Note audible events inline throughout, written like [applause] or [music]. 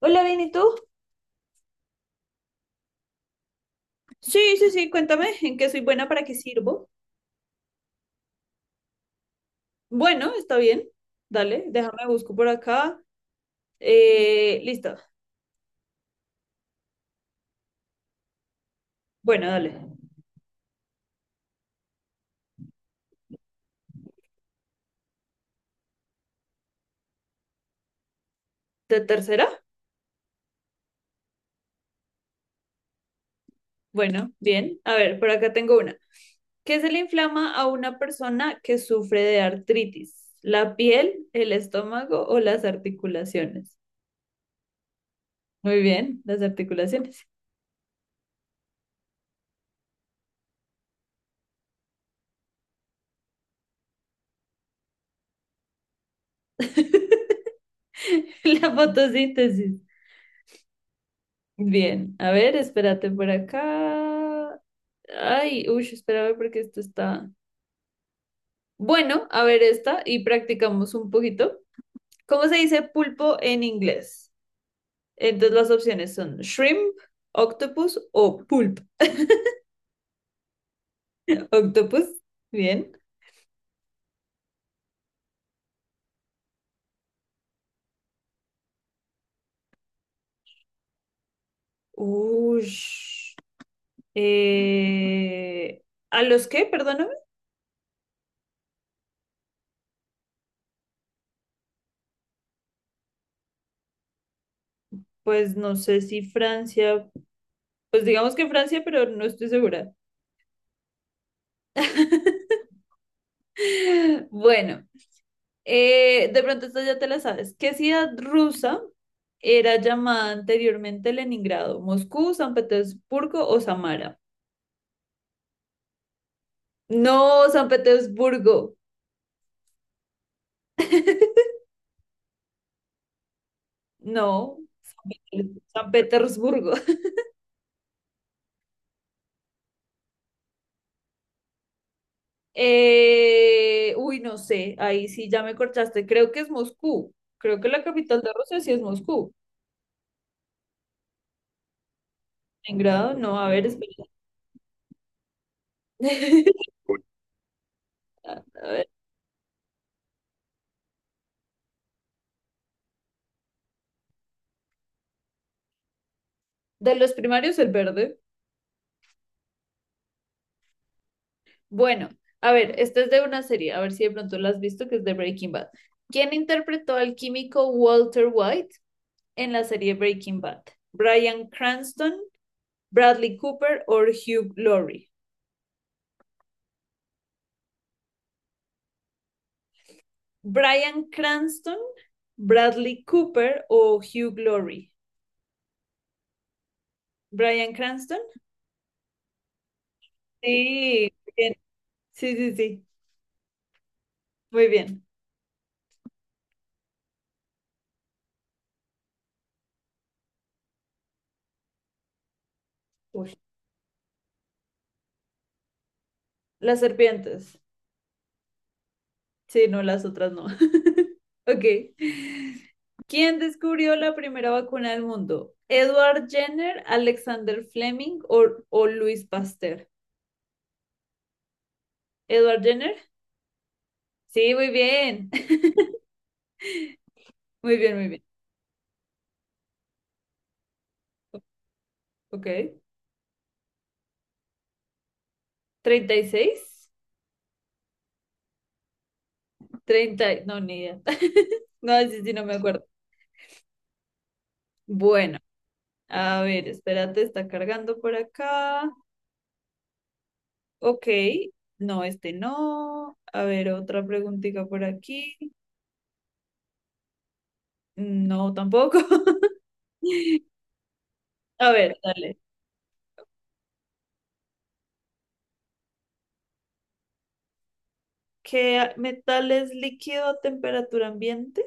Hola, bien, ¿y tú? Sí, sí, sí, cuéntame en qué soy buena, para qué sirvo. Bueno, está bien. Dale, déjame busco por acá. Listo. Bueno, dale. Tercera? Bueno, bien. A ver, por acá tengo una. ¿Qué se le inflama a una persona que sufre de artritis? ¿La piel, el estómago o las articulaciones? Muy bien, las articulaciones. [laughs] La fotosíntesis. Bien, a ver, espérate por acá. Ay, uy, espera a ver porque esto está. Bueno, a ver esta y practicamos un poquito. ¿Cómo se dice pulpo en inglés? Entonces las opciones son shrimp, octopus o pulp. Octopus, bien. Uy. eh, ¿A los qué? Perdóname. Pues no sé si Francia, pues digamos que Francia, pero no estoy segura. [laughs] Bueno. De pronto esta ya te la sabes. ¿Qué ciudad rusa era llamada anteriormente Leningrado? ¿Moscú, San Petersburgo o Samara? No, San Petersburgo. [laughs] No, San Petersburgo. [laughs] Uy, no sé, ahí sí ya me cortaste. Creo que es Moscú. Creo que la capital de Rusia sí es Moscú. Leningrado, no, a ver, espera. [laughs] A ver. De los primarios, el verde. Bueno, a ver, esta es de una serie, a ver si de pronto la has visto, que es de Breaking Bad. ¿Quién interpretó al químico Walter White en la serie Breaking Bad? ¿Bryan Cranston, Bradley Cooper o Hugh Laurie? ¿Bryan Cranston, Bradley Cooper o Hugh Laurie? ¿Bryan Cranston? Sí, bien. Sí, sí, sí. Muy bien. Uy, las serpientes. Sí, no, las otras no. [laughs] Ok. ¿Quién descubrió la primera vacuna del mundo? ¿Edward Jenner, Alexander Fleming o Louis Pasteur? ¿Edward Jenner? Sí, muy bien. [laughs] Muy bien, muy bien. Ok. ¿36? No, ni idea. [laughs] No, sí, sí, no me acuerdo. Bueno, a ver, espérate, está cargando por acá. Ok. No, este no. A ver, otra preguntita por aquí. No, tampoco. [laughs] A ver, dale. ¿Qué metal es líquido a temperatura ambiente?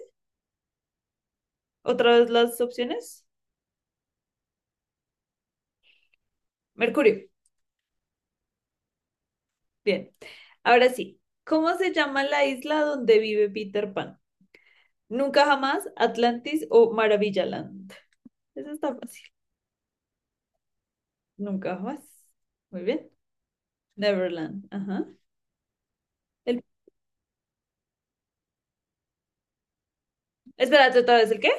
Otra vez las opciones. Mercurio. Bien. Ahora sí. ¿Cómo se llama la isla donde vive Peter Pan? Nunca jamás, Atlantis o Maravillaland. Eso está fácil. Nunca jamás. Muy bien. Neverland. Ajá. El... Espérate otra vez, ¿el qué?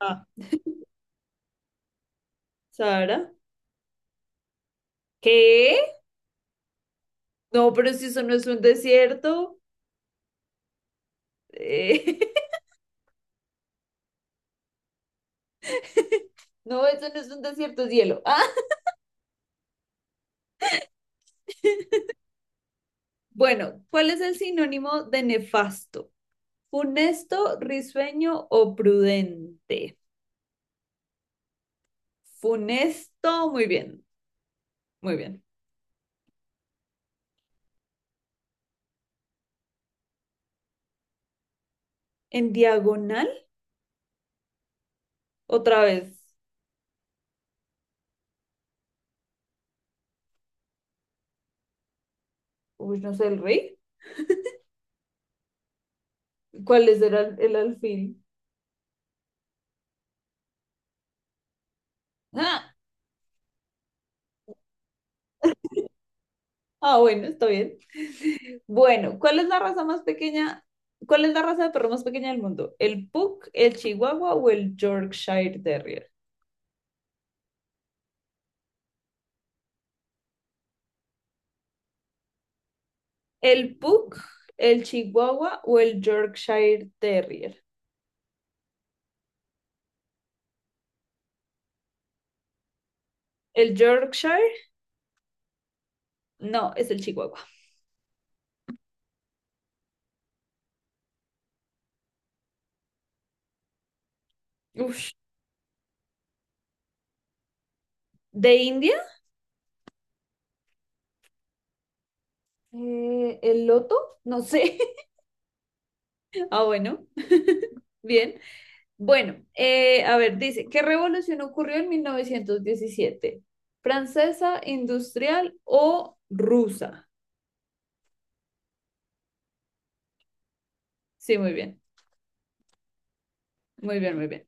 Ah. [laughs] Sara. ¿Qué? No, pero si eso no es un desierto. Eh, [laughs] [laughs] No, eso no es un desierto, es hielo. Ah, bueno, ¿cuál es el sinónimo de nefasto? ¿Funesto, risueño o prudente? Funesto, muy bien, muy bien. ¿En diagonal? Otra vez. Uy, no sé, el rey. ¿Cuál es el, el alfil? Ah, ah, bueno, está bien. [laughs] Bueno, ¿cuál es la raza más pequeña? ¿Cuál es la raza de perro más pequeña del mundo? ¿El Pug, el Chihuahua o el Yorkshire Terrier? El Pug, el Chihuahua o el Yorkshire Terrier. El Yorkshire, no, es el Chihuahua. Ush. ¿De India? ¿El loto? No sé. [laughs] Ah, bueno. [laughs] Bien. Bueno, a ver, dice, ¿qué revolución ocurrió en 1917, ¿Francesa, industrial o rusa? Sí, muy bien, muy bien, muy bien.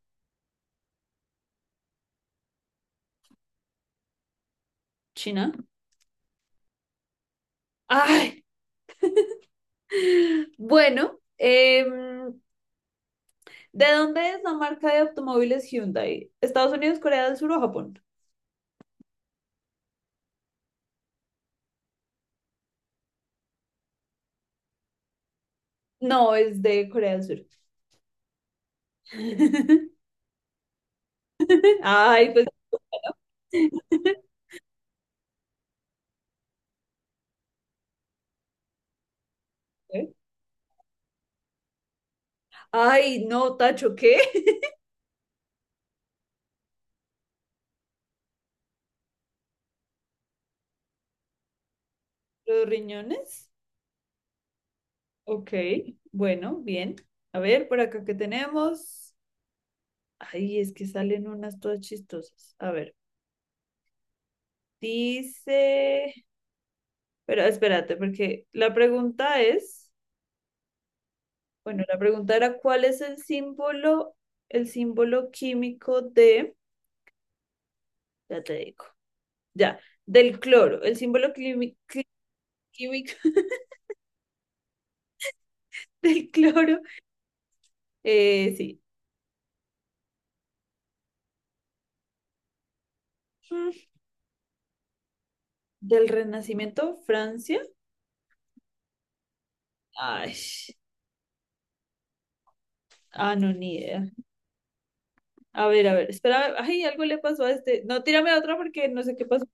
¿China? Ay, bueno, ¿de dónde es la marca de automóviles Hyundai? ¿Estados Unidos, Corea del Sur o Japón? No, es de Corea del Sur. [laughs] Ay, pues. ¿Eh? Ay, no, Tacho, ¿qué? [laughs] ¿Los riñones? Ok, bueno, bien. A ver, por acá que tenemos. Ay, es que salen unas todas chistosas. A ver, dice. Pero espérate, porque la pregunta es, bueno, la pregunta era ¿cuál es el símbolo químico de... Ya te digo. Ya. Del cloro. El símbolo químico [laughs] del cloro. Sí. Mm. Del Renacimiento, Francia. Ay. Ah, no, ni idea. A ver, a ver. Espera. Ay, algo le pasó a este. No, tírame a otro porque no sé qué pasó.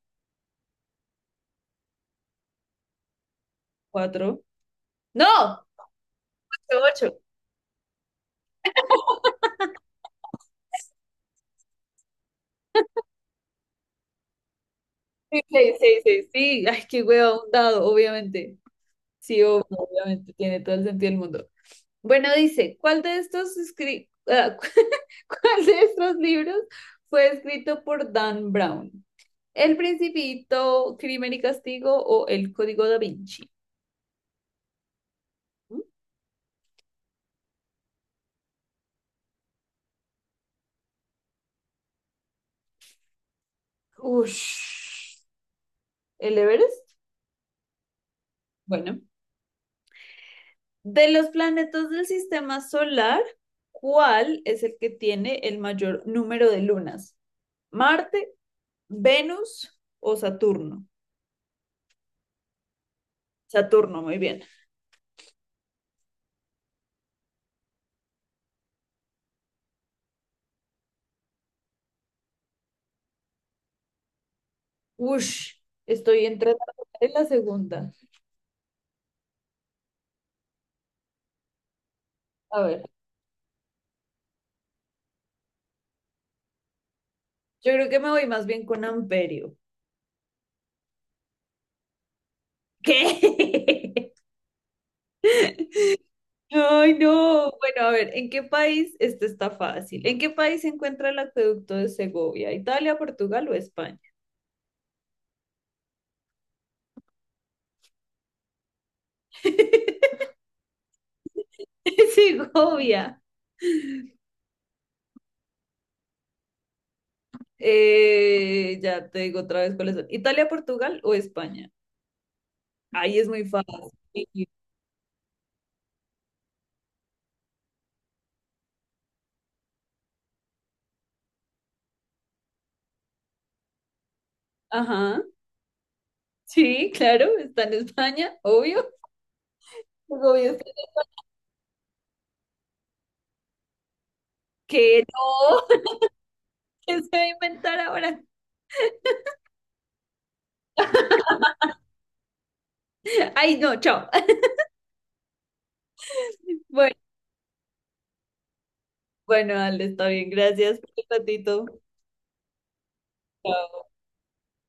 Cuatro. ¡No! Fue ocho. [laughs] Sí, sí, sí, sí, sí. Ay, qué hueva, un dado, obviamente. Sí, obviamente. Tiene todo el sentido del mundo. Bueno, dice, ¿cuál de estos escri- ah, [laughs] ¿cuál de estos libros fue escrito por Dan Brown? ¿El Principito, Crimen y Castigo o El Código da Vinci? ¿Mm? Ush. ¿El Everest? Bueno, de los planetas del sistema solar, ¿cuál es el que tiene el mayor número de lunas? ¿Marte, Venus o Saturno? Saturno, muy bien. Ush, estoy entre la primera y la segunda. A ver. Yo creo que me voy más bien con amperio. ¿Qué? [laughs] Ay, no. Bueno, a ver, ¿en qué país? Esto está fácil. ¿En qué país se encuentra el acueducto de Segovia? ¿Italia, Portugal o España? [laughs] Segovia. Ya te digo otra vez cuáles son. ¿Italia, Portugal o España? Ahí es muy fácil. Ajá. Sí, claro, está en España, obvio. Segovia está... que no, [laughs] ¿qué se va a inventar ahora? [laughs] Ay, no, chao. [laughs] Bueno, bueno, Ale, está bien. Gracias por el ratito. Chao.